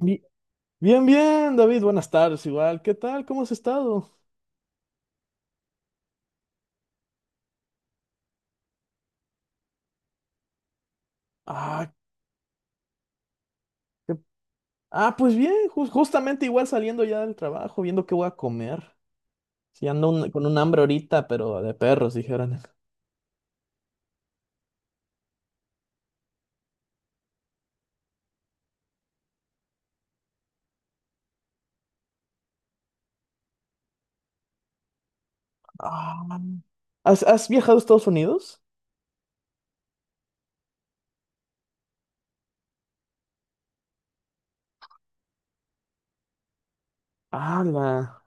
Bi- Bien, bien, David, buenas tardes, igual. ¿Qué tal? ¿Cómo has estado? Ah, qué- pues bien, justamente igual saliendo ya del trabajo, viendo qué voy a comer. Sí, ando con un hambre ahorita, pero de perros, dijeron. Ah, ¿has viajado a Estados Unidos? Ah, la...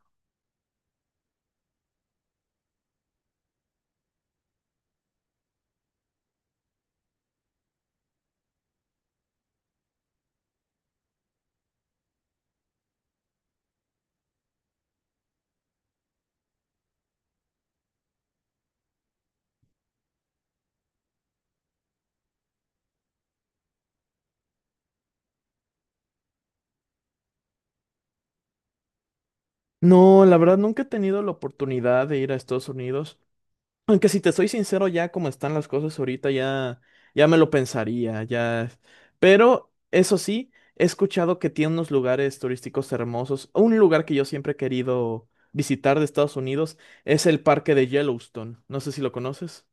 No, la verdad nunca he tenido la oportunidad de ir a Estados Unidos. Aunque si te soy sincero, ya como están las cosas ahorita, ya, ya me lo pensaría, ya. Pero eso sí, he escuchado que tiene unos lugares turísticos hermosos. Un lugar que yo siempre he querido visitar de Estados Unidos es el parque de Yellowstone. No sé si lo conoces.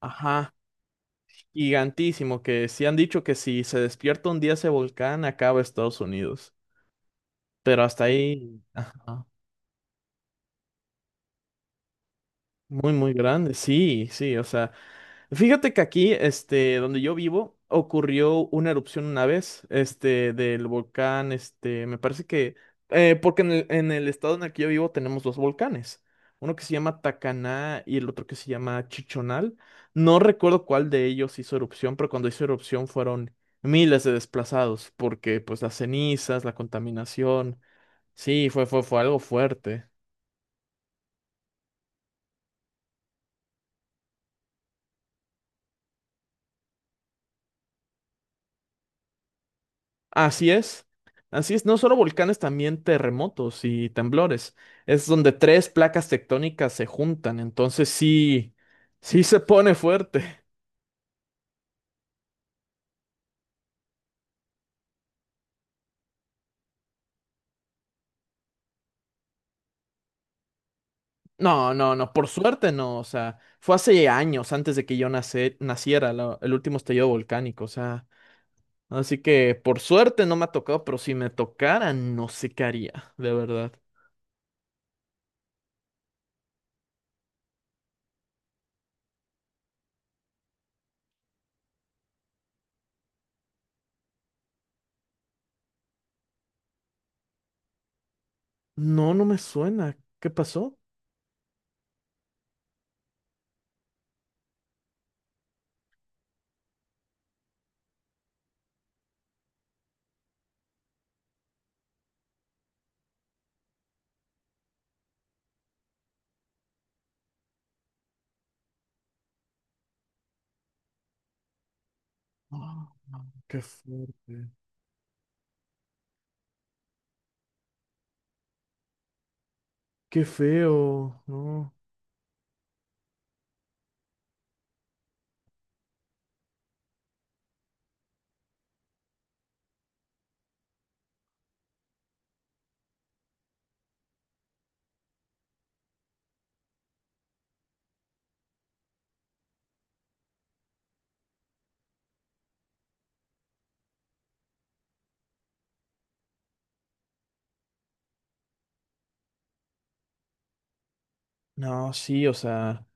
Ajá, gigantísimo, que sí han dicho que si se despierta un día ese volcán, acaba Estados Unidos. Pero hasta ahí, ajá, muy, muy grande, sí, sí, o sea, fíjate que aquí, este, donde yo vivo, ocurrió una erupción una vez, este, del volcán, este, me parece que, porque en el estado en el que yo vivo tenemos dos volcanes, uno que se llama Tacaná y el otro que se llama Chichonal. No recuerdo cuál de ellos hizo erupción, pero cuando hizo erupción fueron miles de desplazados, porque pues las cenizas, la contaminación, sí, fue algo fuerte. Así es, así es, no solo volcanes, también terremotos y temblores. Es donde tres placas tectónicas se juntan, entonces sí, sí se pone fuerte. No, no, no, por suerte no, o sea, fue hace años antes de que yo naciera el último estallido volcánico, o sea, así que por suerte no me ha tocado, pero si me tocara, no sé qué haría, de verdad. No, no me suena. ¿Qué pasó? Ah, qué fuerte. Qué feo, no. No, sí, o sea,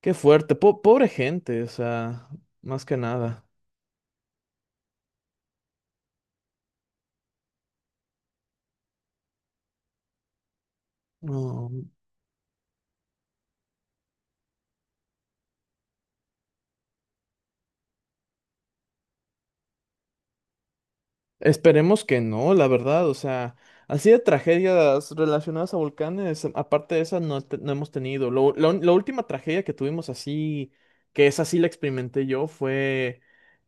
qué fuerte, pobre gente, o sea, más que nada. No, esperemos que no, la verdad, o sea, así de tragedias relacionadas a volcanes, aparte de esa no, no hemos tenido. La última tragedia que tuvimos así, que esa sí la experimenté yo, fue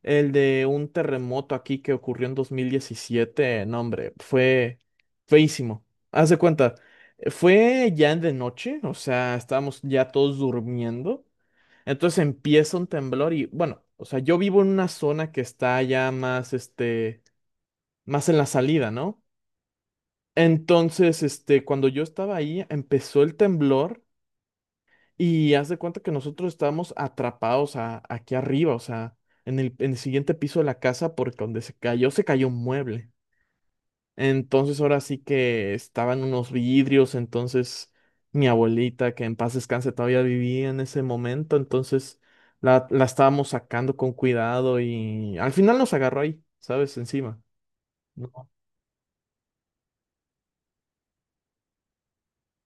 el de un terremoto aquí que ocurrió en 2017. No, hombre, fue feísimo. Haz de cuenta, fue ya de noche, o sea, estábamos ya todos durmiendo. Entonces empieza un temblor y bueno, o sea, yo vivo en una zona que está ya más, este, más en la salida, ¿no? Entonces, este, cuando yo estaba ahí, empezó el temblor y haz de cuenta que nosotros estábamos atrapados aquí arriba, o sea, en el siguiente piso de la casa porque donde se cayó un mueble. Entonces ahora sí que estaban unos vidrios, entonces mi abuelita, que en paz descanse, todavía vivía en ese momento, entonces la estábamos sacando con cuidado y al final nos agarró ahí, ¿sabes? Encima. No,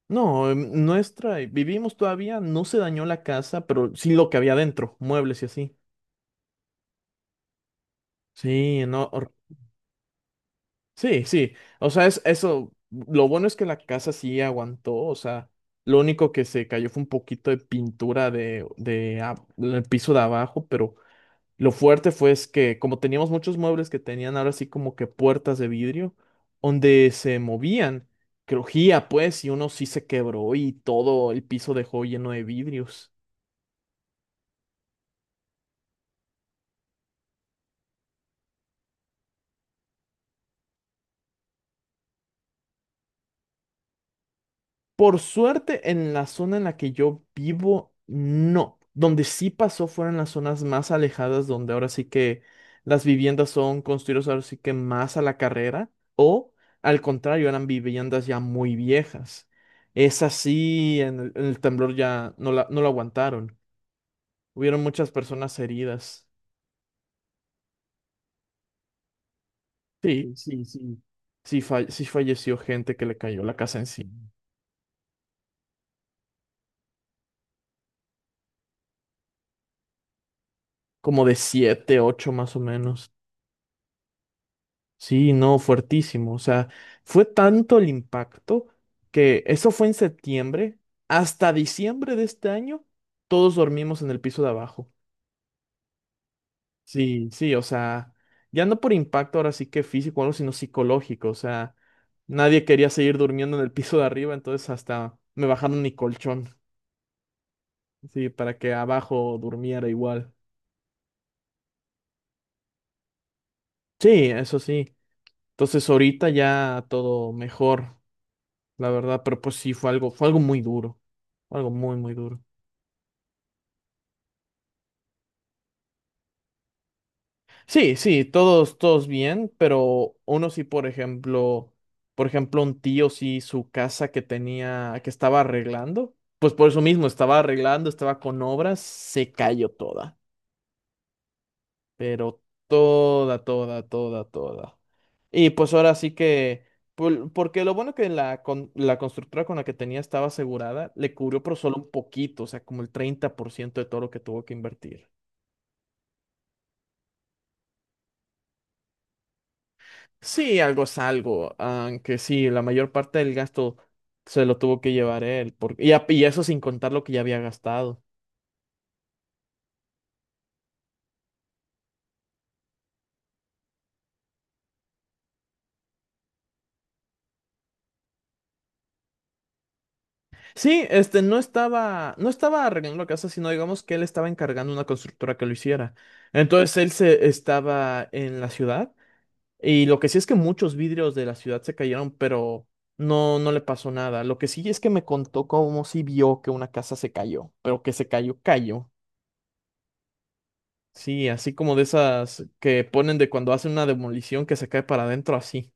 no, nuestra, vivimos todavía, no se dañó la casa, pero sí lo que había dentro, muebles y así. Sí, no, sí, sí. O sea, es eso. Lo bueno es que la casa sí aguantó. O sea, lo único que se cayó fue un poquito de pintura de, del piso de abajo, pero lo fuerte fue es que como teníamos muchos muebles que tenían ahora sí como que puertas de vidrio, donde se movían, crujía pues, y uno sí se quebró y todo el piso dejó lleno de vidrios. Por suerte, en la zona en la que yo vivo, no. Donde sí pasó fueron las zonas más alejadas, donde ahora sí que las viviendas son construidas ahora sí que más a la carrera, o al contrario, eran viviendas ya muy viejas. Es así, en el temblor ya no lo aguantaron. Hubieron muchas personas heridas. Sí, sí, sí. Sí, sí falleció gente que le cayó la casa encima. Como de siete, ocho más o menos. Sí, no, fuertísimo. O sea, fue tanto el impacto que eso fue en septiembre. Hasta diciembre de este año, todos dormimos en el piso de abajo. Sí, sí, o sea, ya no por impacto ahora sí que físico, o algo, sino psicológico. O sea, nadie quería seguir durmiendo en el piso de arriba, entonces hasta me bajaron mi colchón, sí, para que abajo durmiera igual. Sí, eso sí. Entonces ahorita ya todo mejor, la verdad, pero pues sí, fue algo muy duro, fue algo muy, muy duro. Sí, sí, todos, todos bien, pero uno sí, por ejemplo, un tío sí, su casa que tenía, que estaba arreglando, pues por eso mismo, estaba arreglando, estaba con obras, se cayó toda, pero toda, toda, toda, toda. Y pues ahora sí que, porque lo bueno que la, la constructora con la que tenía estaba asegurada, le cubrió por solo un poquito, o sea, como el 30% de todo lo que tuvo que invertir. Sí, algo es algo, aunque sí, la mayor parte del gasto se lo tuvo que llevar él, porque, y, y eso sin contar lo que ya había gastado. Sí, este no estaba arreglando la casa, sino digamos que él estaba encargando una constructora que lo hiciera. Entonces él se estaba en la ciudad y lo que sí es que muchos vidrios de la ciudad se cayeron, pero no, no le pasó nada. Lo que sí es que me contó cómo sí vio que una casa se cayó, pero que se cayó, cayó. Sí, así como de esas que ponen de cuando hacen una demolición que se cae para adentro así.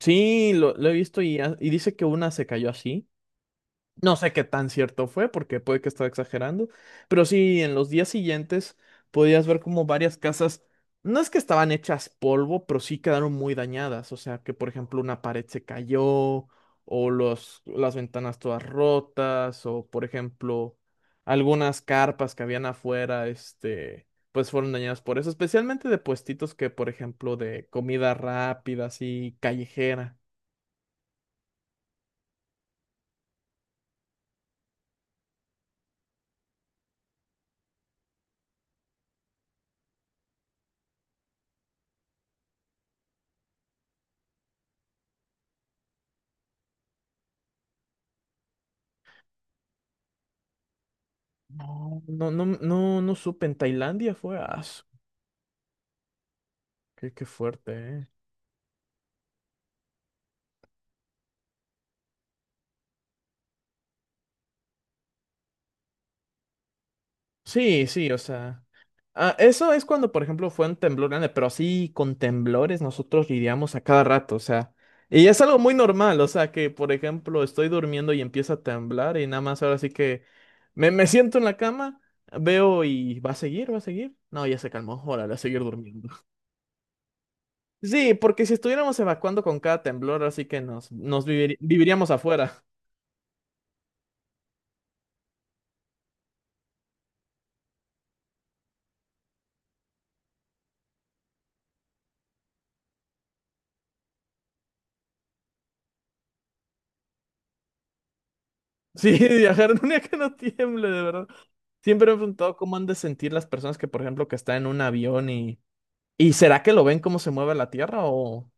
Sí, lo he visto y, y dice que una se cayó así. No sé qué tan cierto fue, porque puede que estaba exagerando, pero sí, en los días siguientes podías ver como varias casas, no es que estaban hechas polvo, pero sí quedaron muy dañadas, o sea que por ejemplo una pared se cayó, o los, las ventanas todas rotas, o por ejemplo algunas carpas que habían afuera, este, pues fueron dañadas por eso, especialmente de puestitos que por ejemplo de comida rápida, así callejera. No, no, no, no, no supe, en Tailandia fue. ¿Qué, qué fuerte, eh? Sí, sí, o sea. Eso es cuando, por ejemplo, fue un temblor grande, pero así con temblores nosotros lidiamos a cada rato, o sea. Y es algo muy normal, o sea, que, por ejemplo, estoy durmiendo y empieza a temblar y nada más ahora sí que me siento en la cama, veo y va a seguir, va a seguir. No, ya se calmó, órale, a seguir durmiendo. Sí, porque si estuviéramos evacuando con cada temblor, así que viviríamos afuera. Sí, viajar en un día que no tiemble, de verdad. Siempre me he preguntado cómo han de sentir las personas que, por ejemplo, que están en un avión y... ¿Y será que lo ven cómo se mueve la Tierra o...?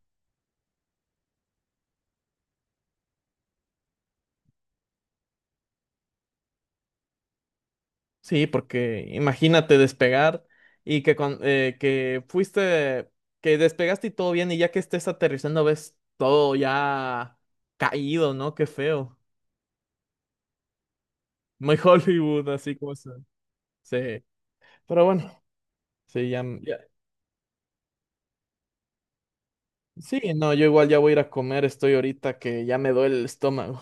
Sí, porque imagínate despegar y que, que fuiste, que despegaste y todo bien y ya que estés aterrizando ves todo ya caído, ¿no? Qué feo. Muy Hollywood, así como se... Sí, pero bueno, sí, ya, ya- Sí, no, yo igual ya voy a ir a comer, estoy ahorita que ya me duele el estómago.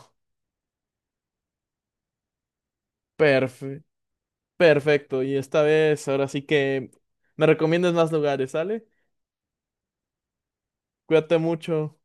Perfecto. Perfecto, y esta vez, ahora sí que me recomiendas más lugares, ¿sale? Cuídate mucho.